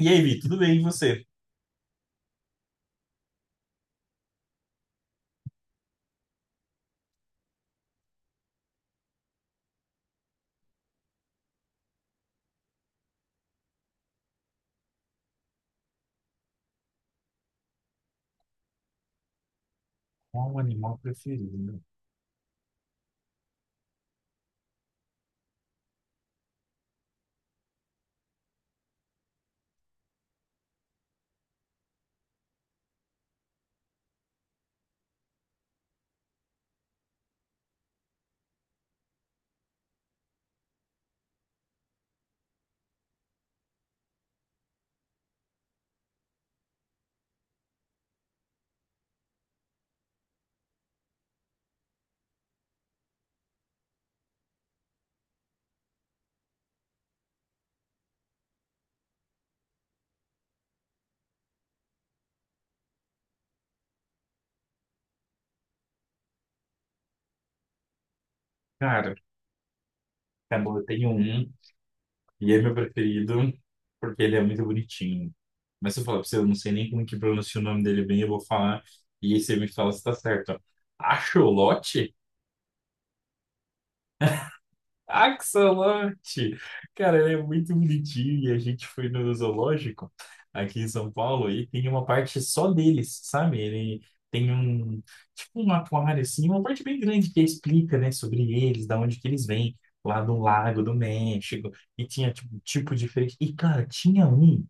E aí, Vi, tudo bem? E você? Qual o animal preferido? Cara, tá bom, eu tenho um e é meu preferido porque ele é muito bonitinho. Mas se eu falar pra você, eu não sei nem como que pronuncia o nome dele bem, eu vou falar e aí você me fala se tá certo. Axolote? Axolote! Cara, ele é muito bonitinho e a gente foi no zoológico aqui em São Paulo e tem uma parte só deles, sabe? Ele tem um, tipo um aquário assim, uma parte bem grande que explica, né, sobre eles, da onde que eles vêm, lá do Lago do México, e tinha tipo, tipo diferente. E, cara, tinha um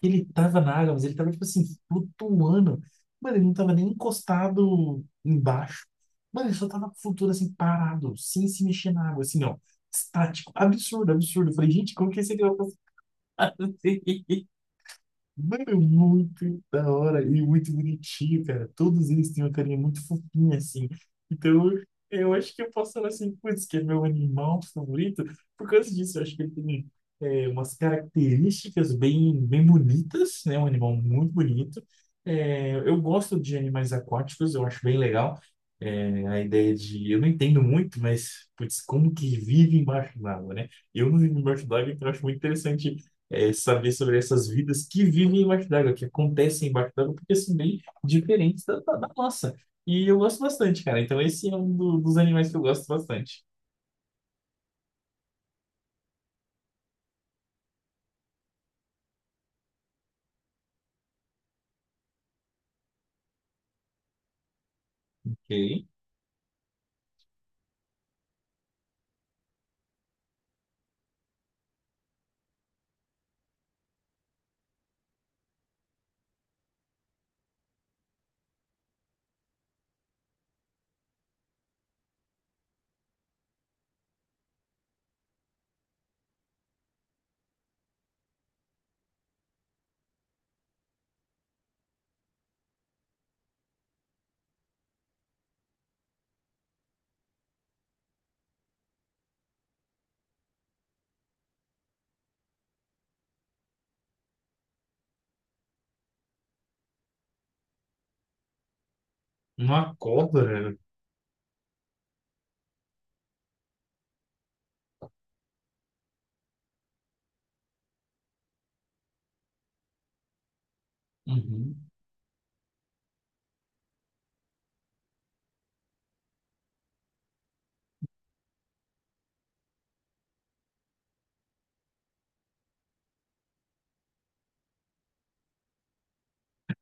que ele tava na água, mas ele tava, tipo assim, flutuando. Mano, ele não tava nem encostado embaixo. Mano, ele só tava flutuando assim, parado, sem se mexer na água, assim, ó. Estático. Absurdo, absurdo. Eu falei, gente, como que esse aqui vai passar? Mano, é muito da hora e muito bonitinho, cara. Todos eles têm uma carinha muito fofinha, assim. Então, eu acho que eu posso falar assim, putz, que é meu animal favorito. Por causa disso, eu acho que ele tem umas características bem, bem bonitas, né? Um animal muito bonito. É, eu gosto de animais aquáticos, eu acho bem legal. É, a ideia de... Eu não entendo muito, mas, putz, como que vive embaixo d'água, né? Eu não vivo embaixo d'água, então eu acho muito interessante saber sobre essas vidas que vivem embaixo d'água, que acontecem embaixo d'água, porque são bem diferentes da nossa. E eu gosto bastante, cara. Então, esse é um dos animais que eu gosto bastante. Ok. Uma cobra? Uhum.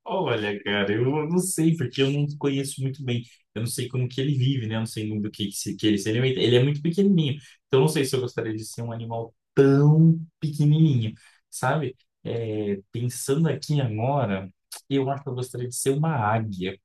Olha, cara, eu não sei, porque eu não conheço muito bem. Eu não sei como que ele vive, né? Eu não sei muito do que ele se alimenta. Ele é muito pequenininho. Então, eu não sei se eu gostaria de ser um animal tão pequenininho, sabe? É, pensando aqui agora, eu acho que eu gostaria de ser uma águia.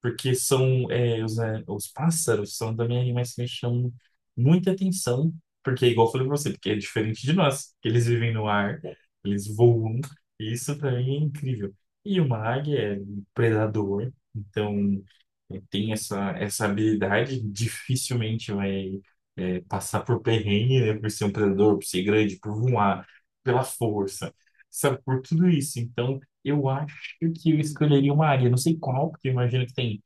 Porque são né, os pássaros são também animais que me chamam muita atenção, porque é igual eu falei pra você, porque é diferente de nós, que eles vivem no ar, eles voam, e isso pra mim é incrível. E uma águia é um predador, então tem essa, essa habilidade, dificilmente vai passar por perrengue, né, por ser um predador, por ser grande, por voar, pela força, sabe, por tudo isso. Então, eu acho que eu escolheria uma águia, não sei qual, porque eu imagino que tem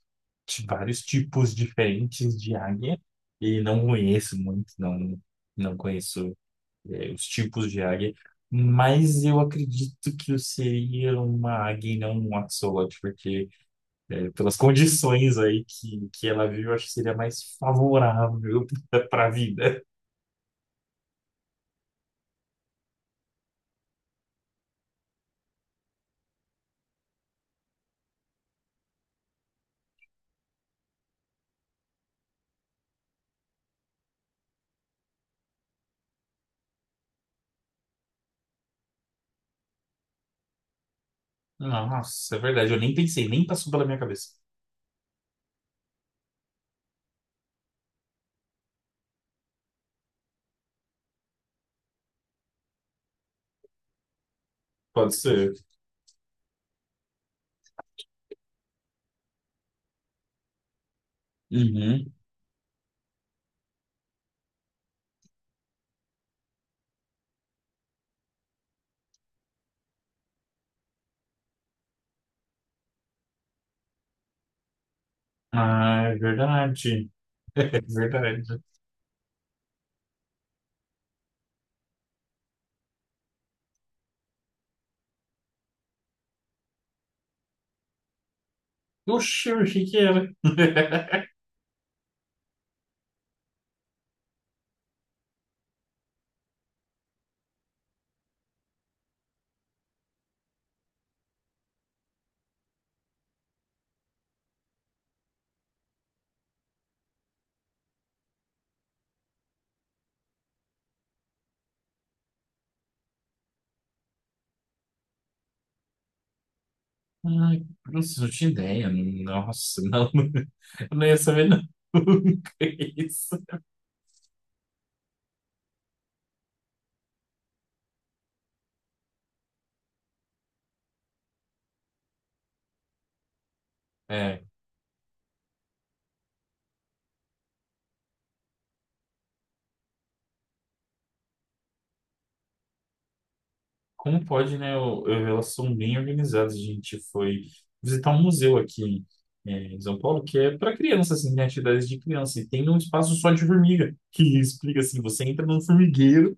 de vários tipos diferentes de águia e não conheço muito, não, não conheço os tipos de águia, mas eu acredito que eu seria uma águia e não um axolote, porque pelas condições aí que ela vive, eu acho que seria mais favorável para a vida. Nossa, é verdade, eu nem pensei, nem passou pela minha cabeça. Pode ser. Uhum. Ah, é verdade. É verdade. Oxe, eu achei que era. Ai, nossa, não tinha ideia. Nossa, não. Eu não ia saber nunca isso. É. Como pode, né? Elas são bem organizadas. A gente foi visitar um museu aqui em São Paulo que é para crianças, assim, tem atividades de criança. E tem um espaço só de formiga, que explica assim: você entra num formigueiro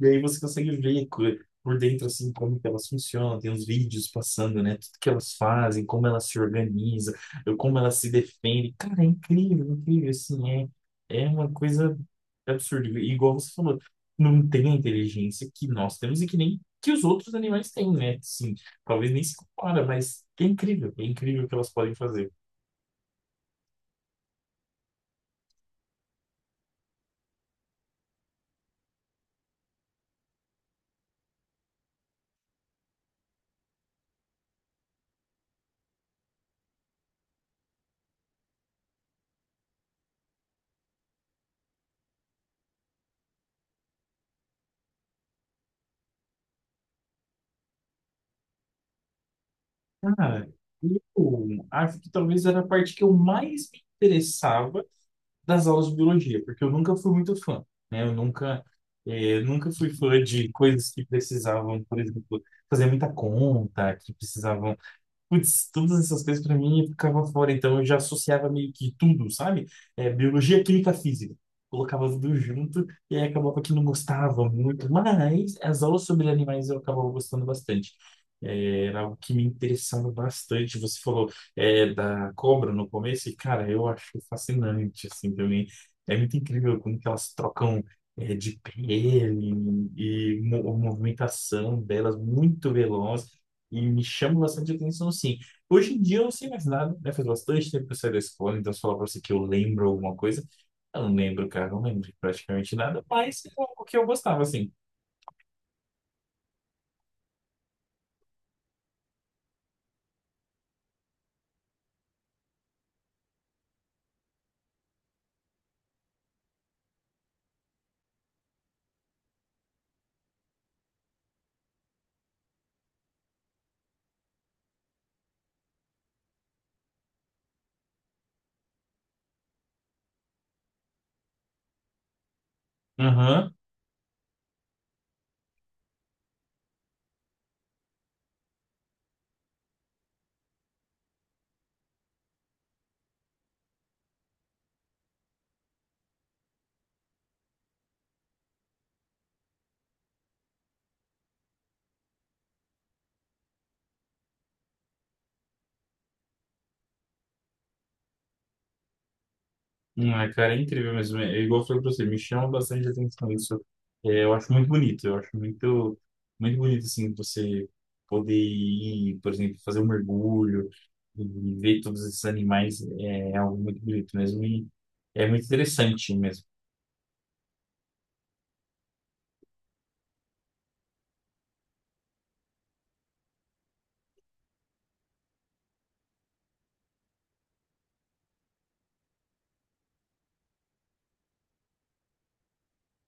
e aí você consegue ver por dentro, assim, como que elas funcionam. Tem os vídeos passando, né? Tudo que elas fazem, como elas se organizam, como elas se defendem. Cara, é incrível, incrível, assim, é, é uma coisa absurda. E igual você falou. Não tem a inteligência que nós temos e que nem que os outros animais têm, né? Sim, talvez nem se compara, mas é incrível o que elas podem fazer. Cara, eu acho que talvez era a parte que eu mais me interessava das aulas de biologia, porque eu nunca fui muito fã, né? Eu nunca, eh, nunca fui fã de coisas que precisavam, por exemplo, fazer muita conta, que precisavam. Putz, todas essas coisas pra mim ficava fora, então eu já associava meio que tudo, sabe? É, biologia, química, física. Colocava tudo junto e aí acabava que não gostava muito, mas as aulas sobre animais eu acabava gostando bastante. É, era algo que me interessava bastante. Você falou, da cobra no começo, e cara, eu acho fascinante, assim, também. É muito incrível como que elas trocam, de pele e a movimentação delas muito veloz. E me chama bastante atenção, sim. Hoje em dia eu não sei mais nada, né? Faz bastante tempo que eu saí da escola, então se eu falar pra você que eu lembro alguma coisa, eu não lembro, cara, eu não lembro de praticamente nada, mas é algo que eu gostava, assim. Aham. É, cara, é incrível mesmo. É, igual eu falei pra você, me chama bastante atenção isso. É, eu acho muito bonito, eu acho muito, muito bonito, assim, você poder ir, por exemplo, fazer um mergulho e ver todos esses animais, é, é algo muito bonito mesmo. E é muito interessante mesmo.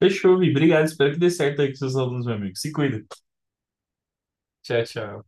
Fechou, Vi. Obrigado. Espero que dê certo aí com seus alunos, meu amigo. Se cuida. Tchau, tchau.